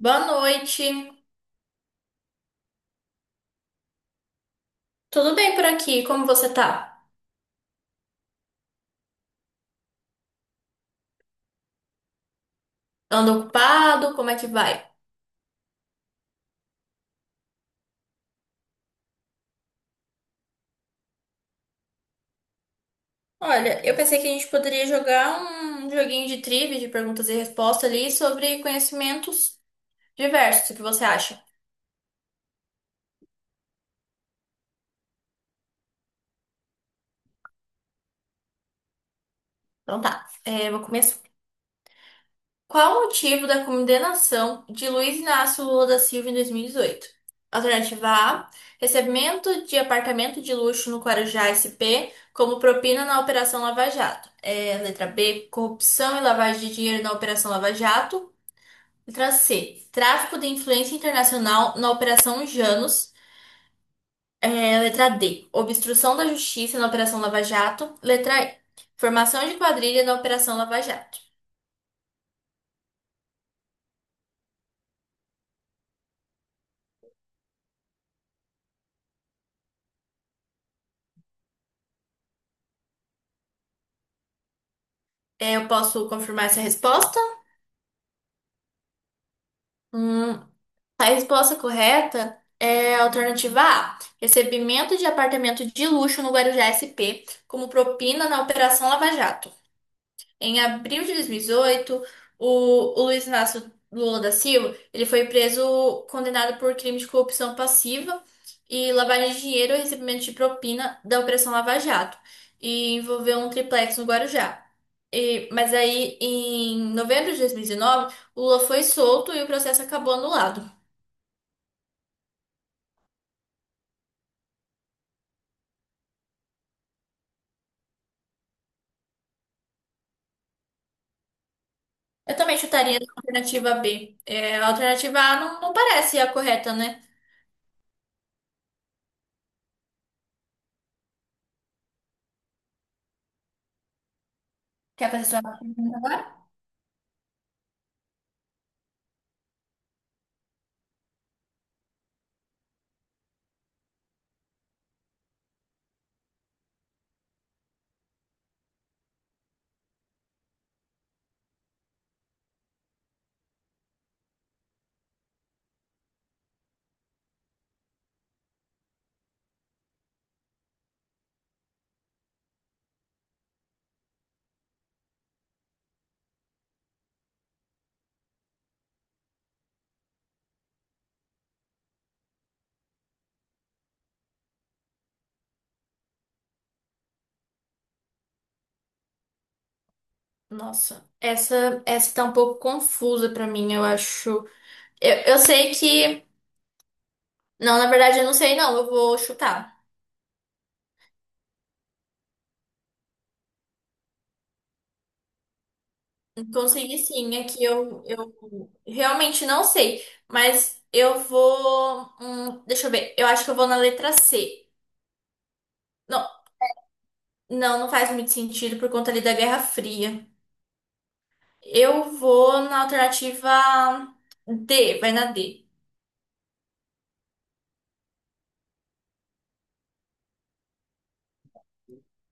Boa noite. Tudo bem por aqui? Como você tá? Anda ocupado? Como é que vai? Olha, eu pensei que a gente poderia jogar um joguinho de trivia, de perguntas e respostas ali sobre conhecimentos diversos. O que você acha? Então tá, é, vou começar. Qual o motivo da condenação de Luiz Inácio Lula da Silva em 2018? Alternativa A: recebimento de apartamento de luxo no Guarujá SP como propina na Operação Lava Jato. É, letra B: corrupção e lavagem de dinheiro na Operação Lava Jato. Letra C: tráfico de influência internacional na Operação Janos. É, letra D: obstrução da justiça na Operação Lava Jato. Letra E: formação de quadrilha na Operação Lava Jato. É, eu posso confirmar essa resposta? Hum, A resposta correta é a alternativa A. Recebimento de apartamento de luxo no Guarujá SP como propina na Operação Lava Jato. Em abril de 2018, o Luiz Inácio Lula da Silva, ele foi preso condenado por crime de corrupção passiva e lavagem de dinheiro e recebimento de propina da Operação Lava Jato e envolveu um triplex no Guarujá. Mas aí, em novembro de 2019, o Lula foi solto e o processo acabou anulado. Eu também chutaria a alternativa B. É, a alternativa A não, não parece a correta, né? Quer fazer sua pergunta agora? Nossa, essa tá um pouco confusa pra mim, eu acho. Eu sei que. Não, na verdade, eu não sei, não. Eu vou chutar. Consegui sim, aqui eu realmente não sei. Mas eu vou. Deixa eu ver. Eu acho que eu vou na letra C. Não, não, não faz muito sentido por conta ali da Guerra Fria. Eu vou na alternativa D, vai na D.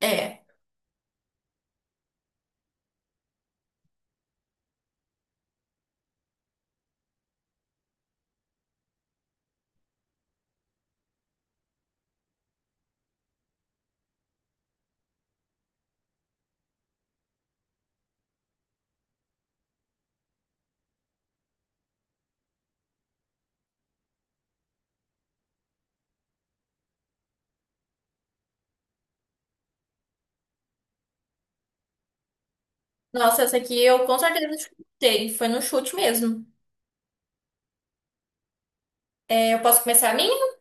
É. Nossa, essa aqui eu com certeza chutei. Foi no chute mesmo. É, eu posso começar a minha?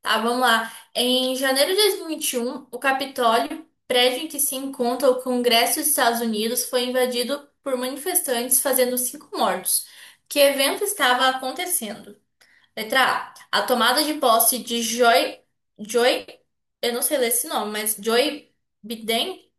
Tá, vamos lá. Em janeiro de 2021, o Capitólio, prédio em que se encontra o Congresso dos Estados Unidos, foi invadido por manifestantes, fazendo cinco mortos. Que evento estava acontecendo? Letra A. A tomada de posse de Joy. Joy. Eu não sei ler esse nome, mas Joy Biden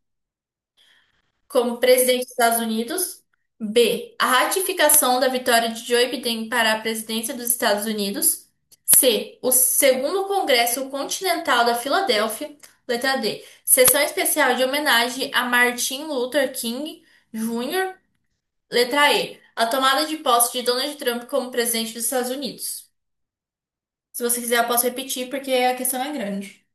como presidente dos Estados Unidos. B. A ratificação da vitória de Joe Biden para a presidência dos Estados Unidos. C. O segundo Congresso Continental da Filadélfia. Letra D. Sessão especial de homenagem a Martin Luther King Jr. Letra E. A tomada de posse de Donald Trump como presidente dos Estados Unidos. Se você quiser, eu posso repetir porque a questão é grande.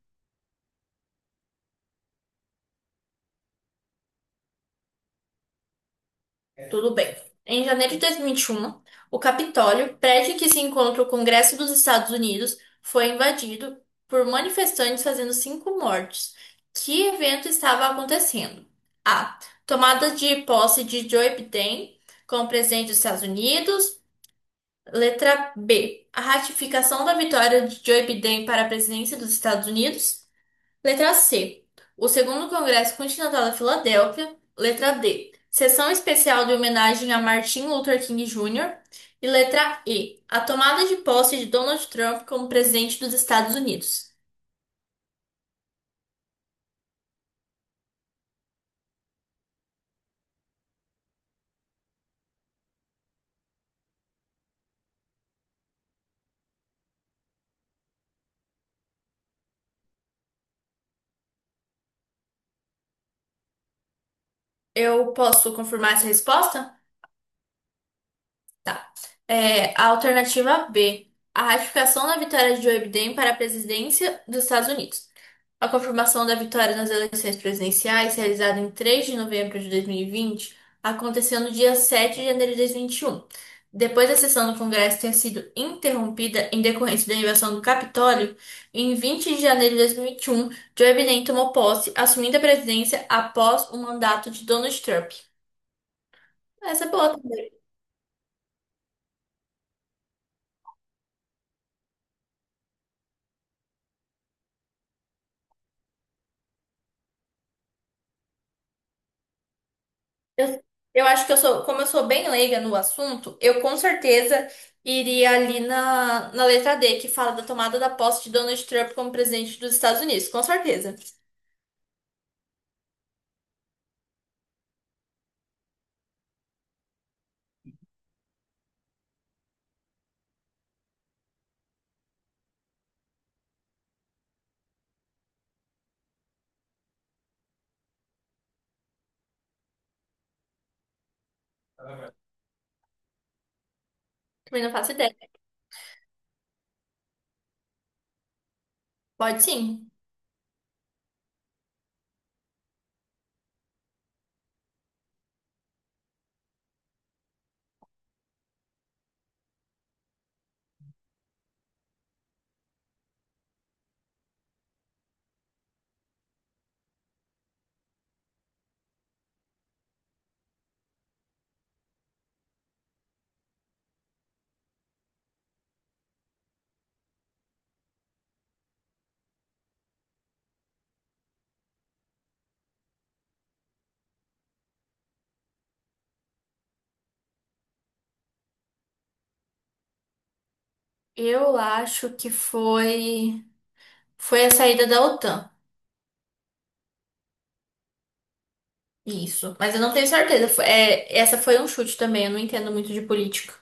Tudo bem. Em janeiro de 2021, o Capitólio, prédio em que se encontra o Congresso dos Estados Unidos, foi invadido por manifestantes fazendo cinco mortes. Que evento estava acontecendo? A. Tomada de posse de Joe Biden como presidente dos Estados Unidos. Letra B. A ratificação da vitória de Joe Biden para a presidência dos Estados Unidos. Letra C. O segundo Congresso Continental da Filadélfia. Letra D. Sessão especial de homenagem a Martin Luther King Jr. E letra E. A tomada de posse de Donald Trump como presidente dos Estados Unidos. Eu posso confirmar essa resposta? Tá. É, a alternativa B. A ratificação da vitória de Joe Biden para a presidência dos Estados Unidos. A confirmação da vitória nas eleições presidenciais, realizada em 3 de novembro de 2020, aconteceu no dia 7 de janeiro de dois mil e vinte e um, depois da sessão do Congresso ter sido interrompida em decorrência da invasão do Capitólio. Em 20 de janeiro de dois mil e vinte e um, Joe Biden tomou posse, assumindo a presidência após o mandato de Donald Trump. Essa é boa. Eu, eu acho que eu sou, como eu sou bem leiga no assunto, eu com certeza iria ali na, na letra D, que fala da tomada da posse de Donald Trump como presidente dos Estados Unidos, com certeza. Também não faço ideia. Pode sim. Eu acho que foi a saída da OTAN. Isso, mas eu não tenho certeza. É, essa foi um chute também, eu não entendo muito de política.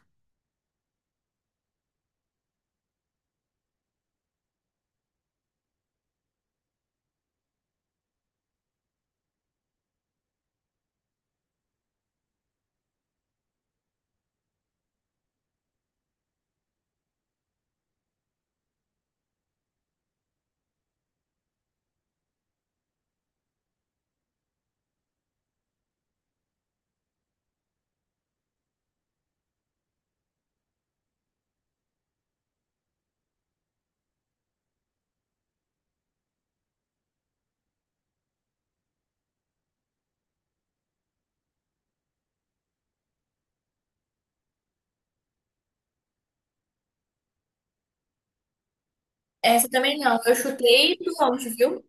Essa também não, eu chutei longe, viu?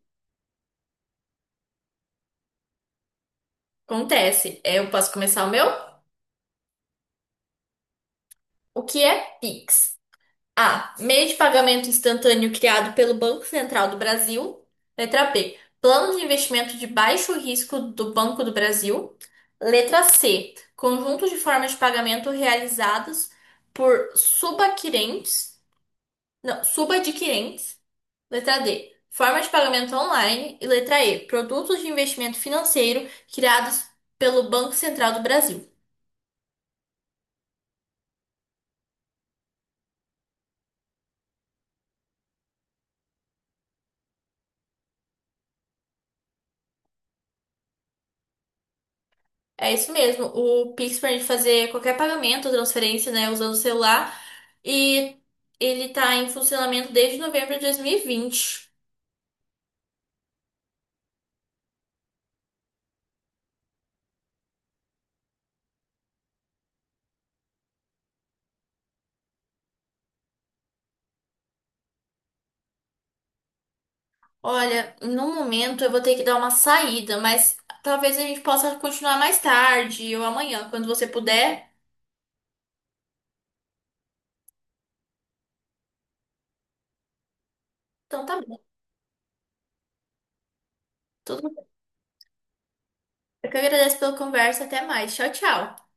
Acontece. É, eu posso começar o meu? O que é PIX? A. Meio de pagamento instantâneo criado pelo Banco Central do Brasil. Letra B. Plano de investimento de baixo risco do Banco do Brasil. Letra C. Conjunto de formas de pagamento realizadas por subadquirentes. Não, subadquirentes. Letra D. Forma de pagamento online. E letra E. Produtos de investimento financeiro criados pelo Banco Central do Brasil. É isso mesmo. O Pix permite fazer qualquer pagamento, transferência, né, usando o celular. E ele tá em funcionamento desde novembro de 2020. Olha, no momento eu vou ter que dar uma saída, mas talvez a gente possa continuar mais tarde ou amanhã, quando você puder. Então tá bom. Tudo bem. Eu que agradeço pela conversa. Até mais. Tchau, tchau.